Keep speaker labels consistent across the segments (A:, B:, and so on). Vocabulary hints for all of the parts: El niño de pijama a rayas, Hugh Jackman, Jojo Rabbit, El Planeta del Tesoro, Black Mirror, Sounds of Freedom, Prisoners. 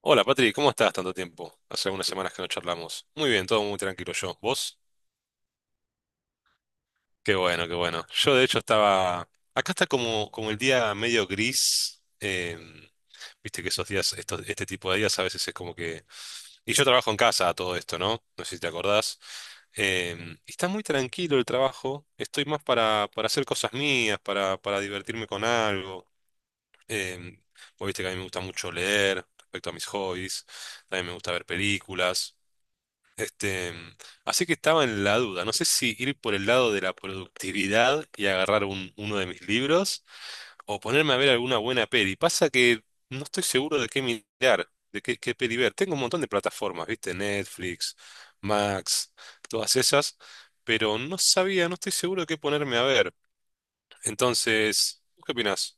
A: Hola Patri, ¿cómo estás? Tanto tiempo. Hace unas semanas que no charlamos. Muy bien, todo muy tranquilo yo. ¿Vos? Qué bueno, qué bueno. Yo de hecho estaba... Acá está como, como el día medio gris. Viste que esos días, este tipo de días a veces es como que... Y yo trabajo en casa a todo esto, ¿no? No sé si te acordás. Eh, y está muy tranquilo el trabajo. Estoy más para hacer cosas mías, para divertirme con algo. Eh, Vos viste que a mí me gusta mucho leer respecto a mis hobbies. También me gusta ver películas. Este, mm, Así que estaba en la duda. No sé si ir por el lado de la productividad y agarrar uno de mis libros o ponerme a ver alguna buena peli. Pasa que no estoy seguro de qué mirar, qué peli ver. Tengo un montón de plataformas, ¿viste? Netflix, Max, todas esas, pero no estoy seguro de qué ponerme a ver. Entonces, ¿vos ¿qué opinás?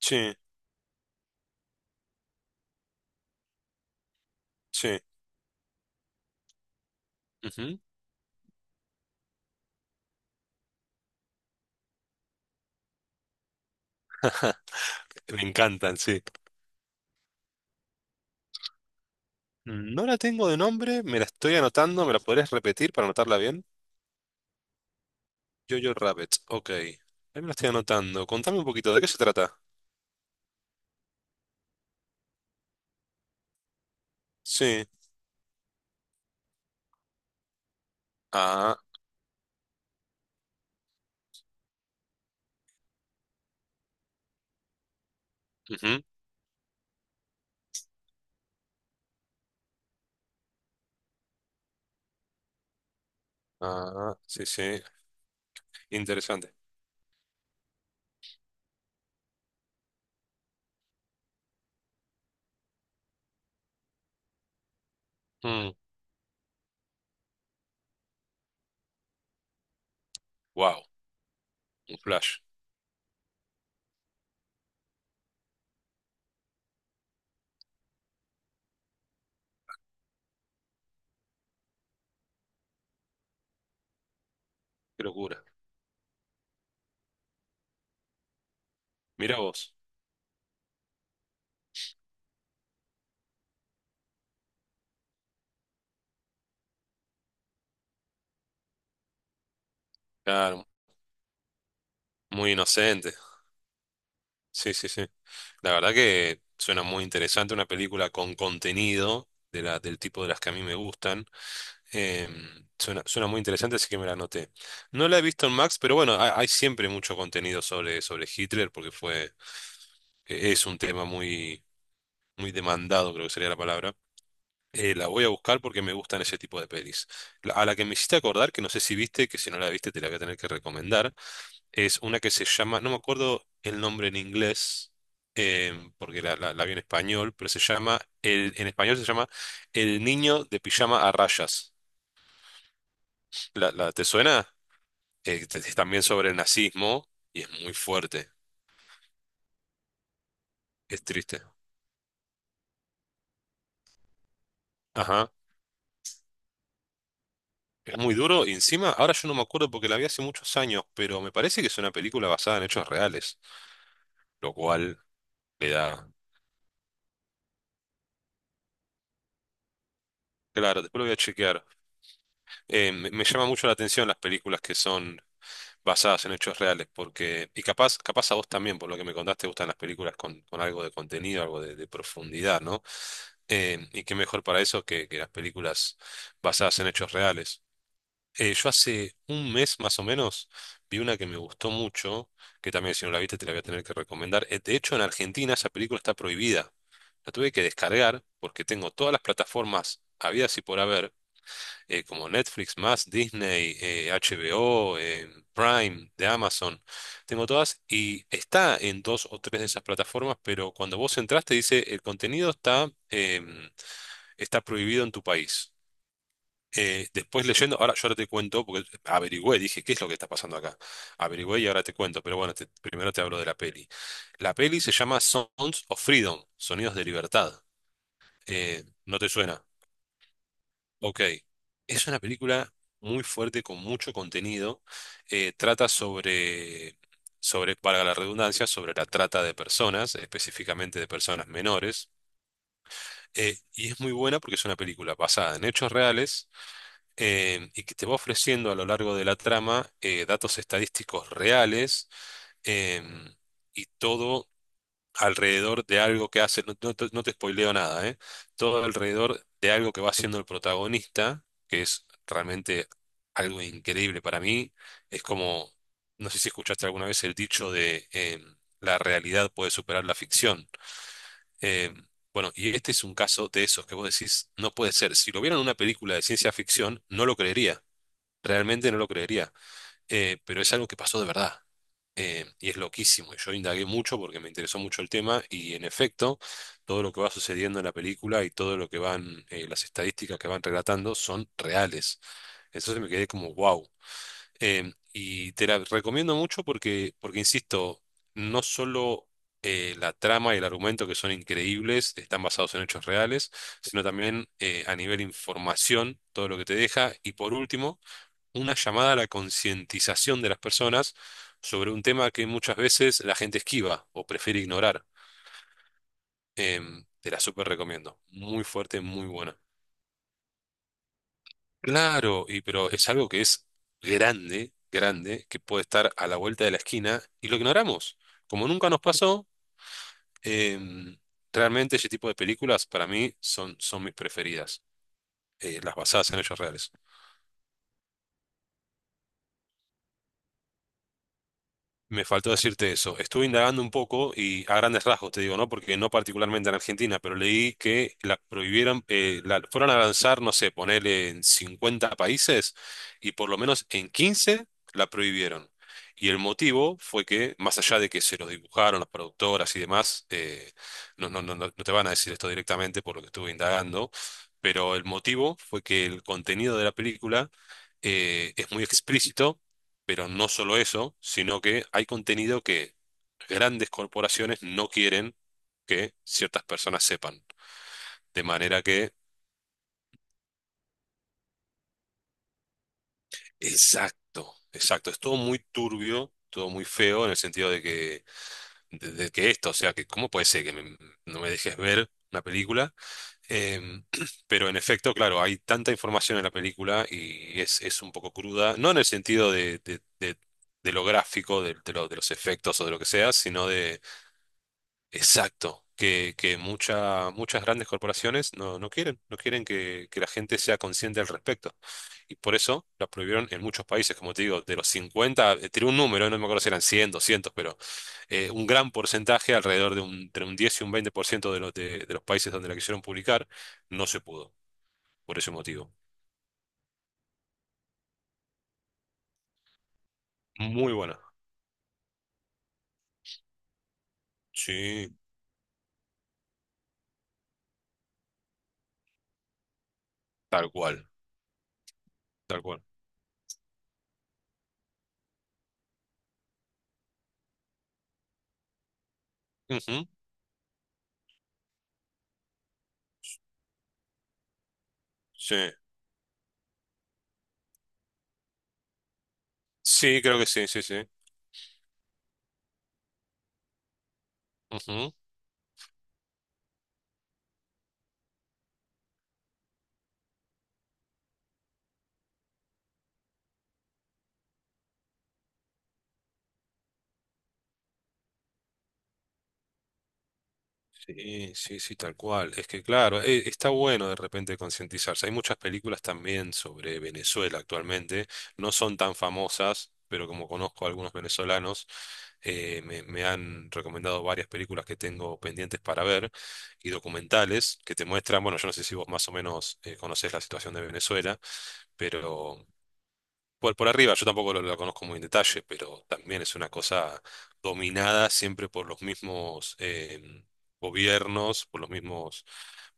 A: Sí, sí. Ujú. Me encantan, sí. No la tengo de nombre, me la estoy anotando. ¿Me la podés repetir para anotarla bien? Jojo Rabbit, ok. Ahí me lo estoy anotando. Contame un poquito, ¿de qué se trata? Sí. Ah. Ujú. Ah, sí, sí. Interesante. Mm, wow, un flash. Qué locura. Mira vos. Claro, muy inocente. Sí, sí, sí. La verdad que suena muy interesante, una película con contenido de del tipo de las que a mí me gustan. Suena muy interesante, así que me la anoté. No la he visto en Max, pero bueno, hay siempre mucho contenido sobre Hitler porque fue, es un tema muy muy demandado, creo que sería la palabra. La voy a buscar porque me gustan ese tipo de pelis. A la que me hiciste acordar, que no sé si viste, que si no la viste te la voy a tener que recomendar, es una que se llama, no me acuerdo el nombre en inglés, porque la vi en español, pero se llama, en español se llama El niño de pijama a rayas. Te suena? Es también sobre el nazismo y es muy fuerte, es triste. Ajá. Es muy duro y, encima, ahora yo no me acuerdo porque la vi hace muchos años, pero me parece que es una película basada en hechos reales, lo cual le da... Claro, después lo voy a chequear. Me llama mucho la atención las películas que son basadas en hechos reales, porque... Y capaz, capaz a vos también, por lo que me contaste, te gustan las películas con algo de contenido, algo de profundidad, ¿no? Y qué mejor para eso que las películas basadas en hechos reales. Yo hace un mes más o menos vi una que me gustó mucho, que también si no la viste te la voy a tener que recomendar. De hecho, en Argentina esa película está prohibida. La tuve que descargar porque tengo todas las plataformas habidas y por haber, como Netflix más, Disney, HBO, Prime, de Amazon. Tengo todas y está en dos o tres de esas plataformas, pero cuando vos entras te dice el contenido está, está prohibido en tu país. Después leyendo, ahora te cuento, porque averigüé, dije, ¿qué es lo que está pasando acá? Averigüé y ahora te cuento, pero bueno, primero te hablo de la peli. La peli se llama Sounds of Freedom, Sonidos de Libertad. ¿No te suena? Ok. Es una película muy fuerte, con mucho contenido. Eh, trata sobre, sobre, para la redundancia, sobre la trata de personas, específicamente de personas menores. Y es muy buena porque es una película basada en hechos reales, y que te va ofreciendo a lo largo de la trama datos estadísticos reales, em, y todo alrededor de algo que hace, no te spoileo nada, todo alrededor de algo que va haciendo el protagonista, que es realmente algo increíble para mí. Es como, no sé si escuchaste alguna vez el dicho de la realidad puede superar la ficción. Em, bueno, y este es un caso de esos que vos decís, no puede ser. Si lo vieran en una película de ciencia ficción, no lo creería. Realmente no lo creería, pero es algo que pasó de verdad. Y es loquísimo. Y yo indagué mucho porque me interesó mucho el tema y, en efecto, todo lo que va sucediendo en la película y todo lo que van, las estadísticas que van relatando son reales. Entonces me quedé como, wow. Y te la recomiendo mucho porque, porque insisto, no solo... la trama y el argumento, que son increíbles, están basados en hechos reales, sino también, a nivel información, todo lo que te deja. Y, por último, una llamada a la concientización de las personas sobre un tema que muchas veces la gente esquiva o prefiere ignorar. Te la súper recomiendo. Muy fuerte, muy buena. Claro, y pero es algo que es grande, grande, que puede estar a la vuelta de la esquina y lo ignoramos. Como nunca nos pasó, em, realmente ese tipo de películas para mí son mis preferidas, las basadas en hechos reales. Me faltó decirte eso. Estuve indagando un poco y a grandes rasgos te digo, ¿no? Porque no particularmente en Argentina, pero leí que la prohibieran, la fueron a lanzar, no sé, ponerle en 50 países y por lo menos en 15 la prohibieron. Y el motivo fue que, más allá de que se los dibujaron las productoras y demás, no te van a decir esto directamente por lo que estuve indagando, pero el motivo fue que el contenido de la película es muy explícito, pero no solo eso, sino que hay contenido que grandes corporaciones no quieren que ciertas personas sepan. De manera que, exacto, exacto, es todo muy turbio, todo muy feo en el sentido de que, de que esto, o sea, que cómo puede ser que no me dejes ver una película. Em, pero, en efecto, claro, hay tanta información en la película y es un poco cruda, no en el sentido de lo gráfico, de los efectos o de lo que sea, sino de... Exacto, que muchas grandes corporaciones no quieren, no quieren que la gente sea consciente al respecto. Y por eso la prohibieron en muchos países, como te digo, de los 50, tiré un número, no me acuerdo si eran 100, 200, pero un gran porcentaje, alrededor de un, entre un 10 y un 20% de de los países donde la quisieron publicar, no se pudo, por ese motivo. Muy buena. Sí, tal cual, tal cual. Ujú. Sí, sí, creo que sí, sí, sí. Sí, sí, sí, tal cual. Es que claro, está bueno de repente concientizarse. Hay muchas películas también sobre Venezuela actualmente. No son tan famosas, pero como conozco a algunos venezolanos, me han recomendado varias películas que tengo pendientes para ver y documentales que te muestran, bueno, yo no sé si vos más o menos, conocés la situación de Venezuela, pero por arriba, yo tampoco lo conozco muy en detalle, pero también es una cosa dominada siempre por los mismos gobiernos, por los mismos,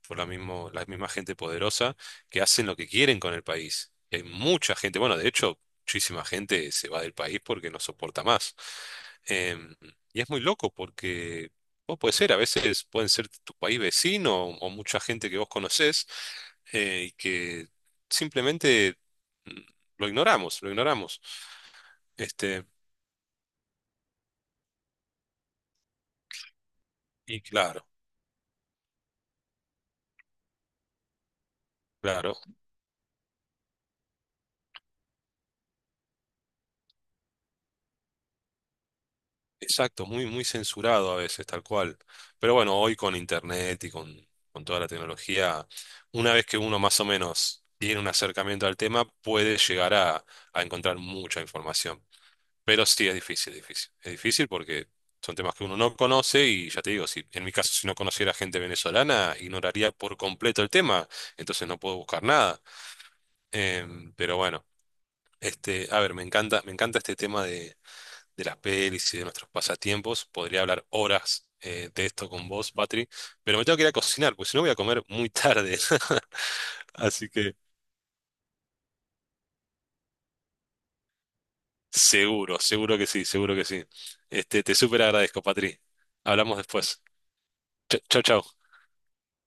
A: la misma gente poderosa que hacen lo que quieren con el país. Y hay mucha gente, bueno, de hecho, muchísima gente se va del país porque no soporta más. Em, y es muy loco porque a veces pueden ser tu país vecino o mucha gente que vos conocés, y que simplemente mm, lo ignoramos, lo ignoramos. Este, y claro, claro, exacto, muy, muy censurado a veces, tal cual. Pero bueno, hoy con internet y con toda la tecnología, una vez que uno más o menos tiene un acercamiento al tema, puede llegar a encontrar mucha información. Pero sí, es difícil, es difícil. Es difícil porque son temas que uno no conoce y ya te digo, si en mi caso, si no conociera gente venezolana, ignoraría por completo el tema, entonces no puedo buscar nada. Pero bueno. A ver, me encanta este tema de las pelis y de nuestros pasatiempos. Podría hablar horas, de esto con vos, Patri, pero me tengo que ir a cocinar, porque si no voy a comer muy tarde. Así que seguro, seguro que sí, seguro que sí. Te súper agradezco, Patri. Hablamos después. Chao, chao.